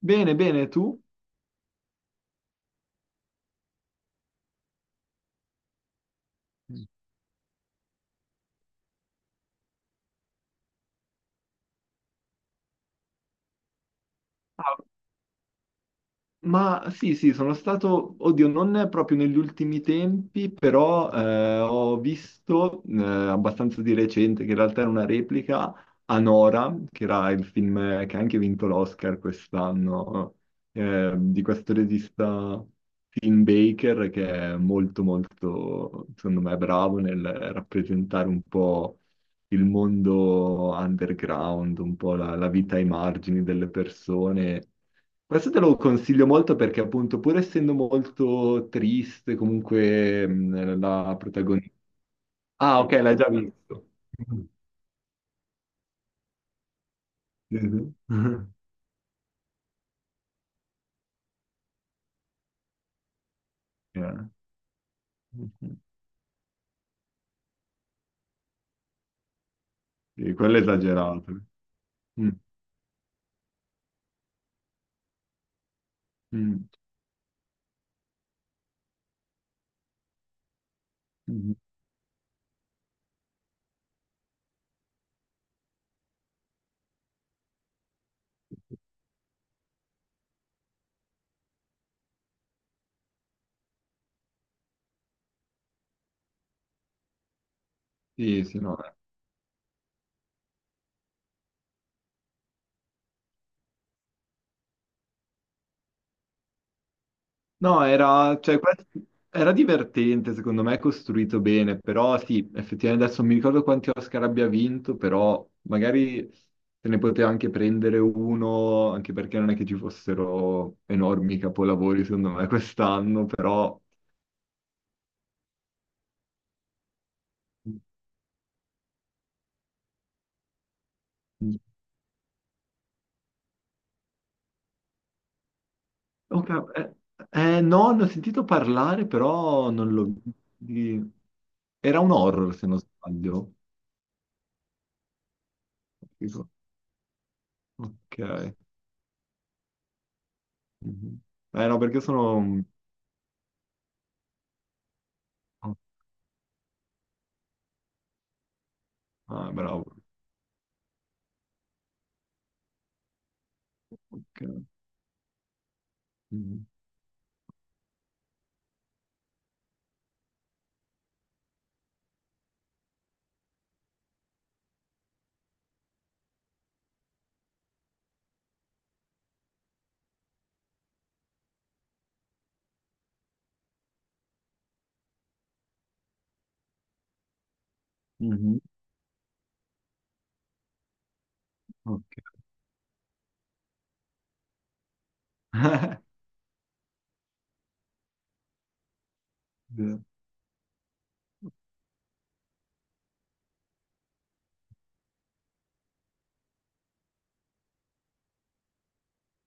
Bene, bene, tu? Mm. Ah, ma sì, sì, sono stato, oddio, non proprio negli ultimi tempi, però ho visto abbastanza di recente, che in realtà era una replica, Anora, che era il film che ha anche vinto l'Oscar quest'anno, di questo regista Tim Baker, che è molto, molto, secondo me, bravo nel rappresentare un po' il mondo underground, un po' la vita ai margini delle persone. Questo te lo consiglio molto perché appunto pur essendo molto triste comunque la protagonista... Ah, ok, l'hai già visto. Sì, sì. Eh, sì, quello è esagerato. Mm, mm, mm. Sì, sì, no. No, era, cioè, era divertente, secondo me, costruito bene, però sì, effettivamente adesso non mi ricordo quanti Oscar abbia vinto, però magari se ne poteva anche prendere uno, anche perché non è che ci fossero enormi capolavori, secondo me, quest'anno, però... Oh, no, ne ho sentito parlare, però non l'ho... di- Era un horror, se non sbaglio. Dico, ok. Mhm. Eh no, perché sono... Ah, bravo. Ok. Mhm. Mhm. Ok.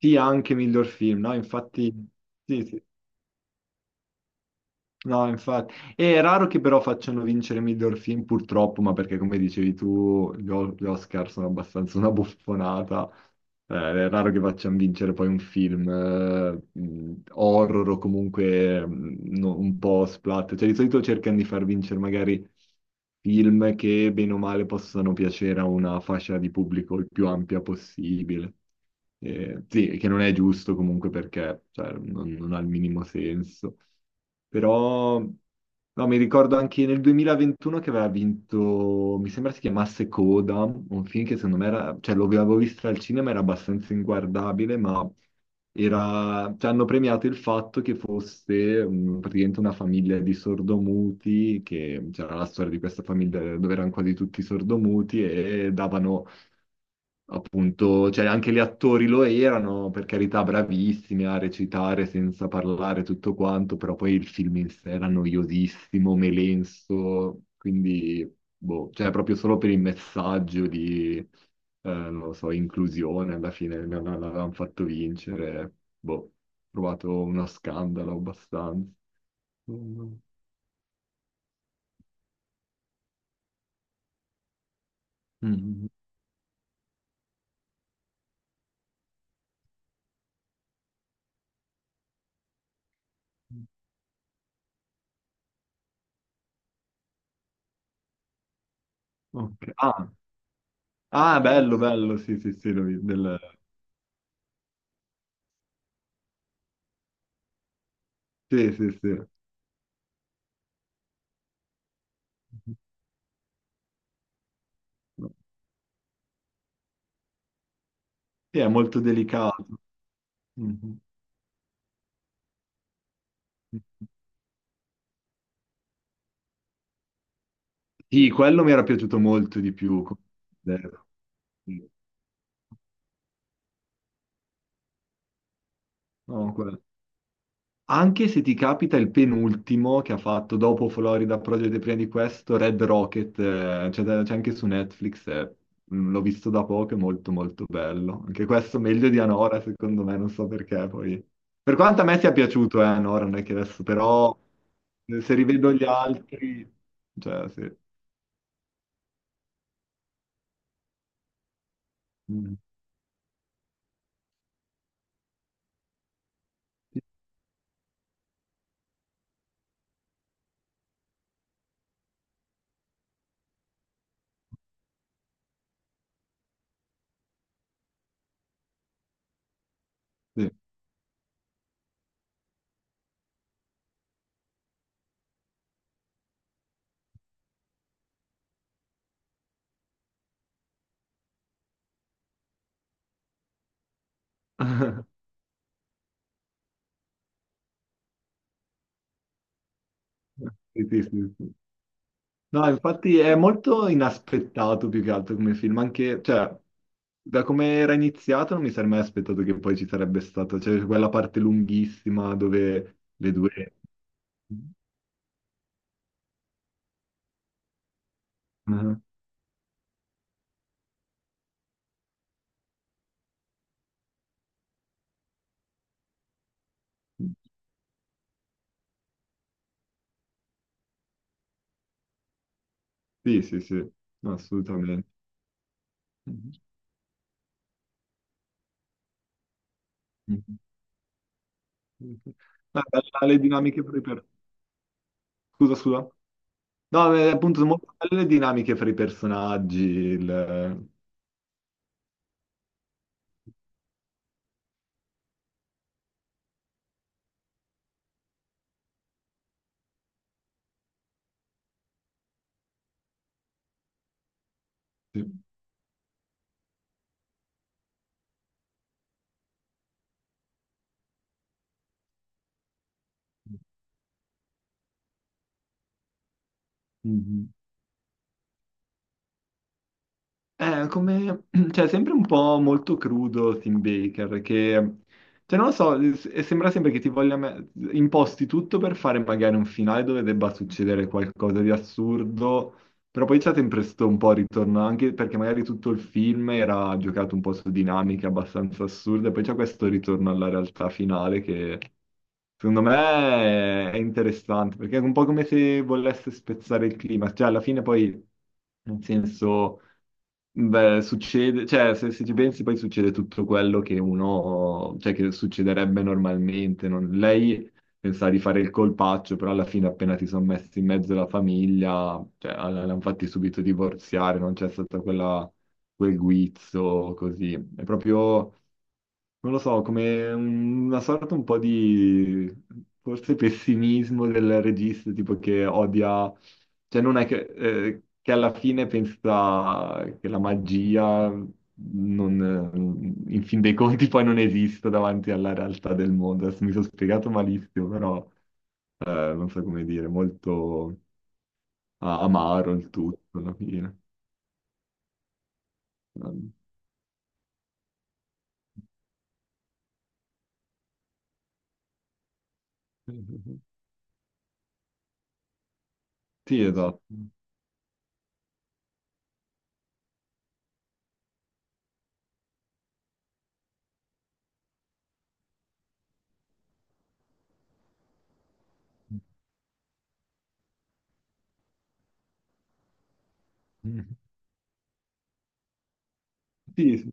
Sì, anche miglior film, no? Infatti, sì, sì. No, infatti. È raro che però facciano vincere miglior film, purtroppo, ma perché come dicevi tu, gli Oscar sono abbastanza una buffonata. È raro che facciano vincere poi un film horror o comunque un po' splat. Cioè, di solito cercano di far vincere magari film che bene o male possano piacere a una fascia di pubblico il più ampia possibile. Sì, che non è giusto comunque perché cioè, non ha il minimo senso. Però no, mi ricordo anche nel 2021 che aveva vinto, mi sembra si chiamasse Coda, un film che secondo me era, cioè lo avevo visto al cinema, era abbastanza inguardabile, ma era, cioè, hanno premiato il fatto che fosse praticamente una famiglia di sordomuti, che c'era la storia di questa famiglia dove erano quasi tutti sordomuti e davano appunto, cioè anche gli attori lo erano, per carità, bravissimi a recitare senza parlare tutto quanto, però poi il film in sé era noiosissimo, melenso, quindi, boh, cioè proprio solo per il messaggio di, non lo so, inclusione, alla fine l'avevano fatto vincere, boh, ho trovato uno scandalo abbastanza. Mm. Mm. Ok. Ah, ah, bello, bello, sì, sì, sì, del... Sì, sì, sì. Sì, è molto delicato. Mhm. Sì, quello mi era piaciuto molto di più. Come zero. Sì. No, quello. Anche se ti capita il penultimo che ha fatto dopo Florida Project e prima di questo, Red Rocket, c'è c'è anche su Netflix, l'ho visto da poco, è molto molto bello. Anche questo meglio di Anora, secondo me, non so perché poi. Per quanto a me sia piaciuto, Anora, non è che adesso, però se rivedo gli altri, cioè sì. Mm. Sì. Sì. Sì, sì, sì, sì. No, infatti è molto inaspettato più che altro come film, anche, cioè, da come era iniziato non mi sarei mai aspettato che poi ci sarebbe stata, cioè, quella parte lunghissima dove le due... Mhm. Sì, sì, sì, no, assolutamente. Mhm. Mhm. No, bella le dinamiche scusa, scusa. No, appunto, sono molto belle le dinamiche fra i personaggi, il... Sì. Mhm. È come, cioè, sempre un po' molto crudo Tim Baker, che, cioè, non lo so, e sembra sempre che ti voglia imposti tutto per fare magari un finale dove debba succedere qualcosa di assurdo, però poi c'è sempre sto un po' ritorno, anche perché magari tutto il film era giocato un po' su dinamiche abbastanza assurde, e poi c'è questo ritorno alla realtà finale che, secondo me, è interessante, perché è un po' come se volesse spezzare il clima, cioè, alla fine poi, nel senso... Beh, succede, cioè se ci pensi poi succede tutto quello che uno, cioè che succederebbe normalmente. Lei pensava di fare il colpaccio, però alla fine appena ti sono messi in mezzo la famiglia, cioè l'hanno fatti subito divorziare, non c'è stato quella, quel guizzo così. È proprio non lo so, come una sorta un po' di forse pessimismo del regista, tipo che odia, cioè non è che alla fine pensa che la magia non, in fin dei conti poi non esista davanti alla realtà del mondo. Adesso mi sono spiegato malissimo, però non so come dire, molto amaro il tutto alla fine. Sì, esatto. Sì, sì,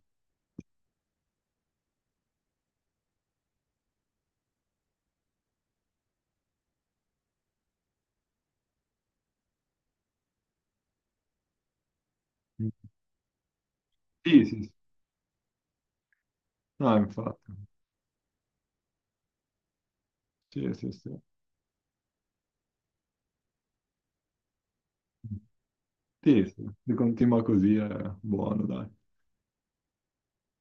sì, sì. Sì. No, infatti. Sì, sì, sì. Sì, sì, se continua così è buono, dai.